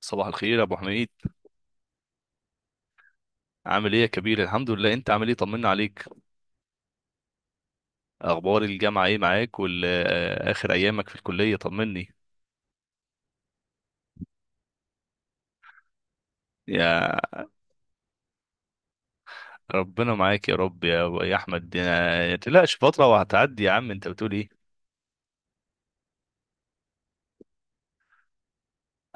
صباح الخير يا ابو حميد. عامل ايه يا كبير؟ الحمد لله، انت عامل ايه؟ طمنا عليك. اخبار الجامعه ايه معاك؟ واخر ايامك في الكليه، طمني. يا ربنا معاك يا رب، يا احمد، ما تقلقش، فتره وهتعدي يا عم. انت بتقول ايه؟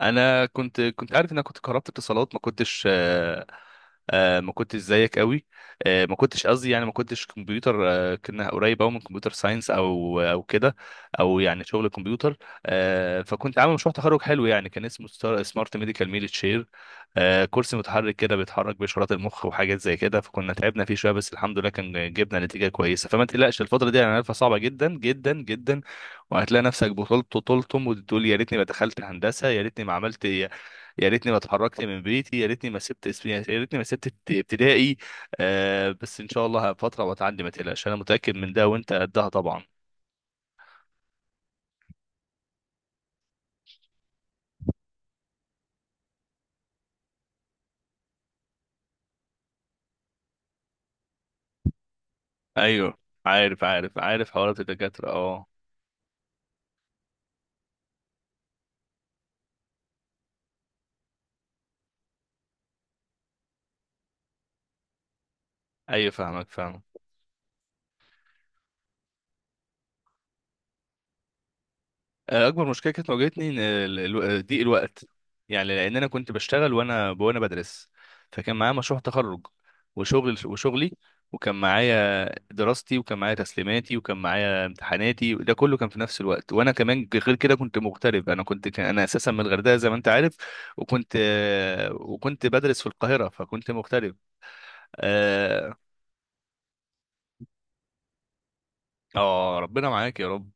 انا كنت عارف انك كنت كهربت اتصالات. ما كنتش زيك قوي. ما كنتش قصدي، يعني ما كنتش كمبيوتر. كنا قريب قوي من كمبيوتر ساينس، او كده، او يعني شغل كمبيوتر. فكنت عامل مشروع تخرج حلو، يعني كان اسمه سمارت ميديكال ميل تشير. كرسي متحرك كده بيتحرك باشارات المخ وحاجات زي كده، فكنا تعبنا فيه شويه، بس الحمد لله كان جبنا نتيجه كويسه. فما تقلقش، الفتره دي انا عارفها صعبه جدا جدا جدا، وهتلاقي نفسك بطلت طولتم وتقول: يا ريتني ما دخلت هندسه، يا ريتني ما عملت، يا ريتني ما اتحركت من بيتي، يا ريتني ما سبت اسمي، يا ريتني ما سبت ابتدائي. بس ان شاء الله فتره وتعدي، ما تقلقش. انا متاكد من ده، وانت قدها طبعا. ايوه، عارف عارف عارف، حوارات الدكاتره اه. ايوه، فاهمك فاهمك. اكبر مشكله كانت واجهتني ان ضيق الوقت. يعني لان انا كنت بشتغل وانا بدرس، فكان معايا مشروع تخرج، وشغلي، وكان معايا دراستي، وكان معايا تسليماتي، وكان معايا امتحاناتي، وده كله كان في نفس الوقت. وانا كمان غير كده كنت مغترب، انا كنت كان انا اساسا من الغردقه زي ما انت عارف. وكنت وكنت بدرس في القاهره، فكنت مغترب. آه، اه ربنا معاك يا رب.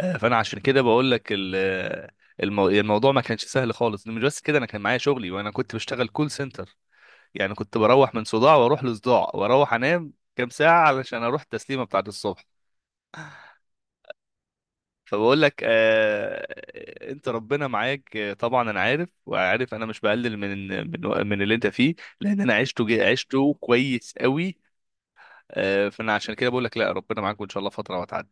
فانا عشان كده بقول لك الموضوع ما كانش سهل خالص. مش بس كده، انا كان معايا شغلي وانا كنت بشتغل كول سنتر، يعني كنت بروح من صداع واروح لصداع واروح انام كام ساعة علشان اروح التسليمة بتاعت الصبح. فبقول لك انت ربنا معاك. طبعا انا عارف وعارف، انا مش بقلل من اللي انت فيه، لان انا عشته عشته كويس قوي. فانا عشان كده بقول لك لا، ربنا معاك، وان شاء الله فترة وهتعدي.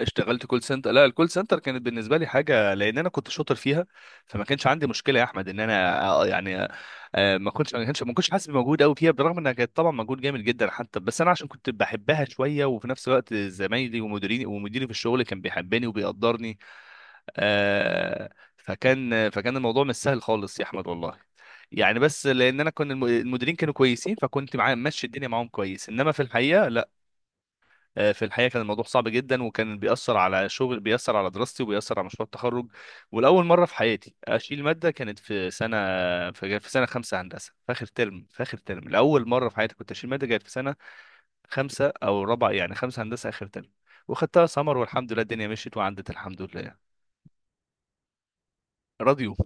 اشتغلت كول سنتر، لا الكول سنتر كانت بالنسبه لي حاجه، لان انا كنت شاطر فيها. فما كانش عندي مشكله يا احمد ان انا، يعني ما كنتش حاسس بمجهود قوي فيها، بالرغم انها كانت طبعا مجهود جامد جدا حتى. بس انا عشان كنت بحبها شويه، وفي نفس الوقت زمايلي ومديريني ومديري في الشغل كان بيحبني وبيقدرني. آه، فكان الموضوع مش سهل خالص يا احمد والله. يعني بس لان انا كنت المديرين كانوا كويسين، فكنت معاهم ماشي الدنيا معاهم كويس، انما في الحقيقه لا. في الحقيقه كان الموضوع صعب جدا، وكان بيأثر على شغل، بيأثر على دراستي، وبيأثر على مشروع التخرج. ولاول مره في حياتي اشيل ماده كانت في سنه، في سنه خمسه هندسه في اخر ترم، في اخر ترم لاول مره في حياتي كنت اشيل ماده كانت في سنه خمسه او رابعه، يعني خمسه هندسه اخر ترم، وخدتها سمر والحمد لله الدنيا مشيت وعدت الحمد لله. راديو.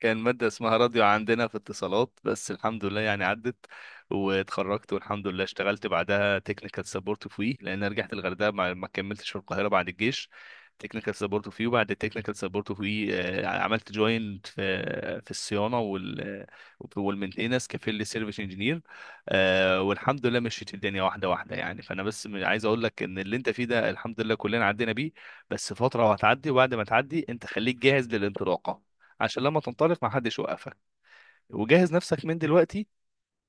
كان مادة اسمها راديو عندنا في اتصالات، بس الحمد لله يعني عدت واتخرجت والحمد لله. اشتغلت بعدها تكنيكال سبورت في وي، لان أنا رجعت الغردقة، ما كملتش في القاهرة بعد الجيش. تكنيكال سبورت في وي، وبعد التكنيكال سبورت في وي عملت جوين في الصيانة والمنتنس كفيل سيرفيس انجينير. والحمد لله مشيت الدنيا واحدة واحدة. يعني فانا بس عايز اقول لك ان اللي انت فيه ده الحمد لله كلنا عدينا بيه. بس فترة وهتعدي، وبعد ما تعدي انت خليك جاهز للانطلاقة، عشان لما تنطلق ما حدش يوقفك. وجهز نفسك من دلوقتي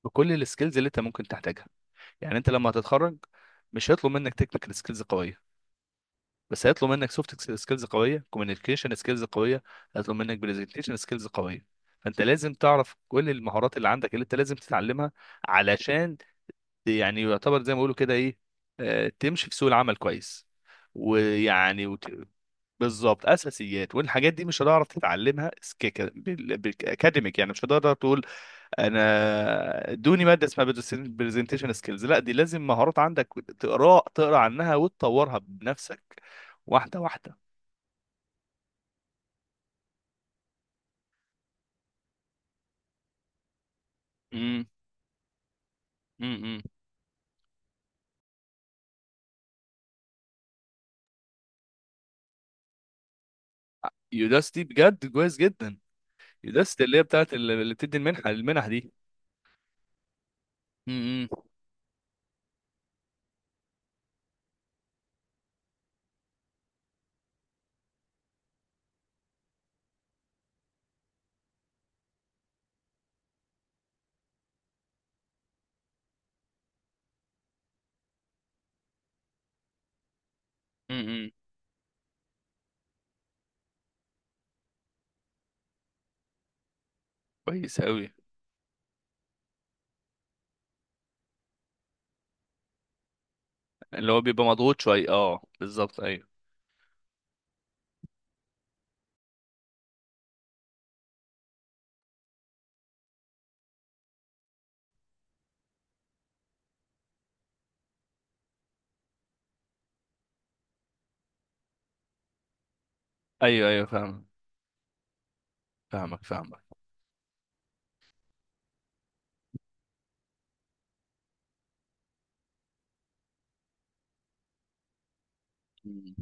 بكل السكيلز اللي انت ممكن تحتاجها. يعني انت لما هتتخرج مش هيطلب منك تكنيكال سكيلز قويه، بس هيطلب منك سوفت سكيلز قويه، كوميونيكيشن سكيلز قويه، هيطلب منك برزنتيشن سكيلز قويه. فانت لازم تعرف كل المهارات اللي عندك اللي انت لازم تتعلمها علشان يعني يعتبر زي ما بيقولوا كده ايه، تمشي في سوق العمل كويس ويعني بالظبط، اساسيات. والحاجات دي مش هتعرف تتعلمها سكيك بالاكاديميك، يعني مش هتقدر تقول انا دوني ماده اسمها برزنتيشن سكيلز. لا، دي لازم مهارات عندك تقرا تقرا عنها وتطورها بنفسك واحده واحده. امم. امم. يوداستي بجد كويس جدا. يوداستي اللي هي بتاعت اللي بتدي المنح دي. امم. امم. كويس قوي. اللي هو بيبقى مضغوط شويه اه، بالظبط ايوه. ايوه ايوه، فاهم. فاهمك فاهمك. مم.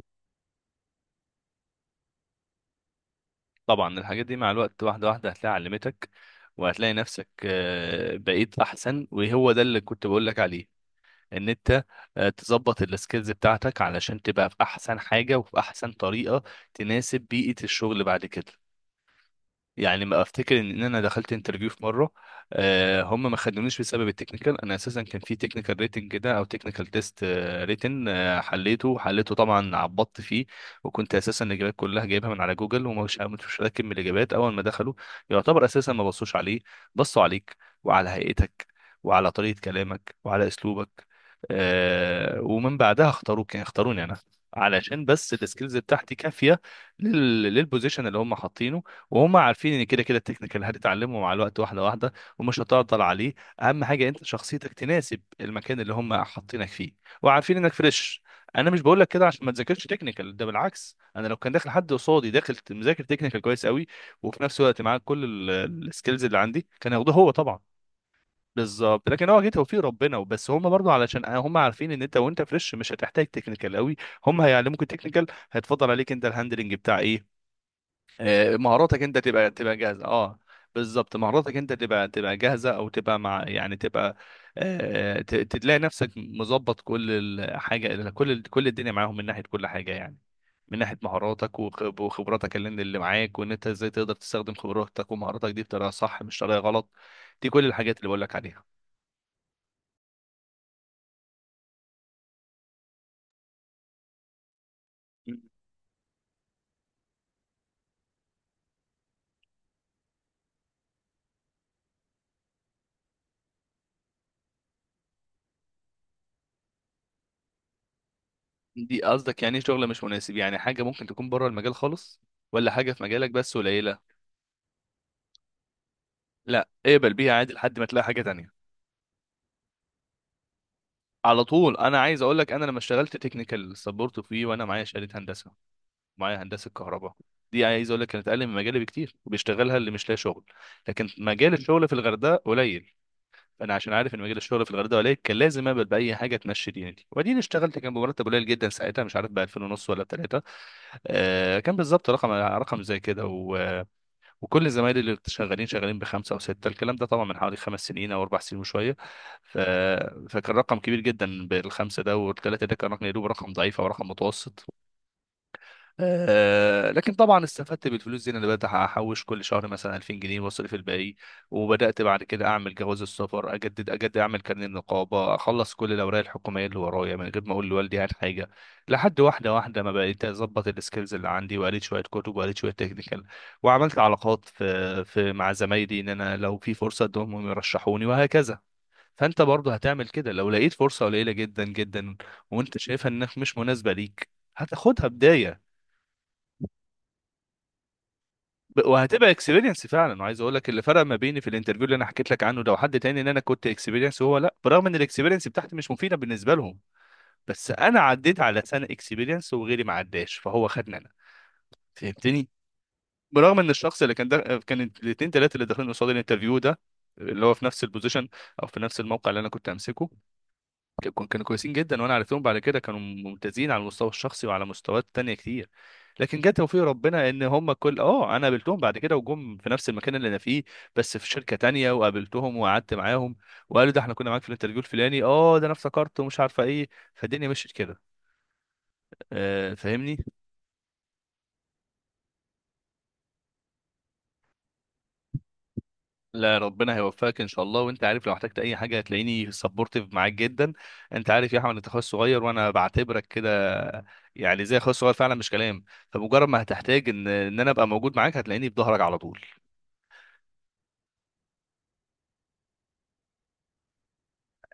طبعا الحاجات دي مع الوقت واحده واحده هتلاقي علمتك، وهتلاقي نفسك بقيت احسن، وهو ده اللي كنت بقول لك عليه. ان انت تظبط السكيلز بتاعتك علشان تبقى في احسن حاجه وفي احسن طريقه تناسب بيئه الشغل بعد كده. يعني ما افتكر ان إن انا دخلت انترفيو في مره هم ما خدونيش بسبب التكنيكال. انا اساسا كان في تكنيكال ريتنج كده او تكنيكال تيست ريتن، حليته حليته طبعا، عبطت فيه. وكنت اساسا الاجابات كلها جايبها من على جوجل، ومش مش راكب من الاجابات. اول ما دخلوا، يعتبر اساسا ما بصوش عليه، بصوا عليك وعلى هيئتك وعلى طريقه كلامك وعلى اسلوبك. ومن بعدها اختاروك، يعني اختاروني انا، علشان بس السكيلز بتاعتي كافيه للبوزيشن اللي هم حاطينه. وهم عارفين ان كده كده التكنيكال هتتعلمه مع الوقت واحده واحده، ومش هتعطل عليه. اهم حاجه انت شخصيتك تناسب المكان اللي هم حاطينك فيه، وعارفين انك فريش. انا مش بقول لك كده عشان ما تذاكرش تكنيكال، ده بالعكس، انا لو كان داخل حد قصادي داخل مذاكر تكنيكال كويس قوي، وفي نفس الوقت معاه كل السكيلز اللي عندي، كان هياخده هو طبعا. بالظبط، لكن هو اكيد توفيق ربنا وبس. هم برضو علشان هم عارفين ان انت وانت فريش مش هتحتاج تكنيكال قوي، هم هيعلموك التكنيكال. هيتفضل عليك انت الهاندلنج بتاع ايه، مهاراتك انت تبقى جاهزه اه. بالظبط، مهاراتك انت تبقى جاهزه، او تبقى مع يعني تبقى تلاقي نفسك مظبط كل الحاجه، كل الدنيا معاهم من ناحيه كل حاجه. يعني من ناحيه مهاراتك وخبراتك اللي معاك، وان انت ازاي تقدر تستخدم خبراتك ومهاراتك دي بطريقه صح مش طريقه غلط. دي كل الحاجات اللي بقول لك عليها. دي قصدك يعني ايه، شغل مش مناسب؟ يعني حاجه ممكن تكون بره المجال خالص، ولا حاجه في مجالك بس قليله؟ لا، اقبل بيها عادي لحد ما تلاقي حاجه تانية. على طول انا عايز اقول لك: انا لما اشتغلت تكنيكال سبورت فيه وانا معايا شهاده هندسه، معايا هندسه كهرباء، دي عايز اقول لك كانت اقل من مجالي بكتير، وبيشتغلها اللي مش لاقي شغل. لكن مجال الشغل في الغردقه قليل. انا عشان عارف ان مجال الشغل في الغردقه قليل كان لازم اقبل باي حاجه تمشي دينتي. وبعدين اشتغلت، كان بمرتب قليل جدا ساعتها، مش عارف ب 2000 ونص ولا ب 3. آه كان بالظبط رقم رقم زي كده. وكل زمايلي اللي شغالين بخمسه او سته، الكلام ده طبعا من حوالي 5 سنين او 4 سنين وشويه. ف... فكان رقم كبير جدا، بالخمسه ده والثلاثه ده كان رقم، يا دوب رقم ضعيف او رقم متوسط. آه لكن طبعا استفدت بالفلوس دي، إن انا بدات احوش كل شهر مثلا 2000 جنيه واصرف الباقي. وبدات بعد كده اعمل جواز السفر، اجدد اجدد، اعمل كارنيه النقابه، اخلص كل الاوراق الحكوميه اللي ورايا من غير ما اقول لوالدي عن حاجه. لحد واحده واحده ما بقيت اظبط السكيلز اللي عندي، وقريت شويه كتب، وقريت شويه تكنيكال، وعملت علاقات في مع زمايلي ان انا لو في فرصه ادهم يرشحوني، وهكذا. فانت برضه هتعمل كده، لو لقيت فرصه قليله جدا جدا وانت شايفها انك مش مناسبه ليك هتاخدها بدايه. وهتبقى اكسبيرينس فعلا. وعايز اقول لك اللي فرق ما بيني في الانترفيو اللي انا حكيت لك عنه ده وحد تاني، ان انا كنت اكسبيرينس وهو لا، برغم ان الاكسبيرينس بتاعتي مش مفيده بالنسبه لهم. بس انا عديت على سنه اكسبيرينس وغيري ما عداش، فهو خدني انا. فهمتني؟ برغم ان الشخص اللي كان ده كان الاثنين ثلاثه اللي داخلين قصاد الانترفيو ده، اللي هو في نفس البوزيشن او في نفس الموقع اللي انا كنت امسكه، كانوا كويسين جدا، وانا عرفتهم بعد كده كانوا ممتازين على المستوى الشخصي وعلى مستويات تانية كتير. لكن جه توفيق ربنا ان هم كل اه انا قابلتهم بعد كده وجم في نفس المكان اللي انا فيه، بس في شركة تانية. وقابلتهم وقعدت معاهم، وقالوا ده احنا كنا معاك في الانترفيو الفلاني، اه ده انا افتكرت ومش عارفه ايه. فالدنيا مشيت كده. آه، فاهمني؟ لا، ربنا هيوفقك ان شاء الله. وانت عارف لو احتجت اي حاجه هتلاقيني سبورتيف معاك جدا. انت عارف يا احمد، انت اخويا الصغير وانا بعتبرك كده، يعني زي اخويا الصغير فعلا مش كلام. فمجرد ما هتحتاج ان انا ابقى موجود معاك هتلاقيني في ظهرك على طول.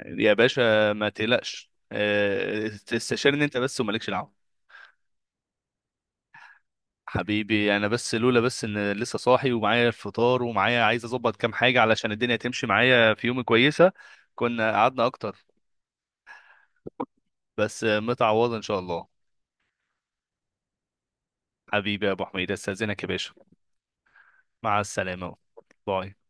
يا باشا ما تقلقش. استشيرني انت بس، ومالكش دعوه. حبيبي، انا بس لولا بس ان لسه صاحي ومعايا الفطار ومعايا عايز اظبط كام حاجه علشان الدنيا تمشي معايا في يوم كويسه، كنا قعدنا اكتر. بس متعوضه ان شاء الله. حبيبي يا ابو حميد، استاذنك يا باشا. مع السلامة. باي.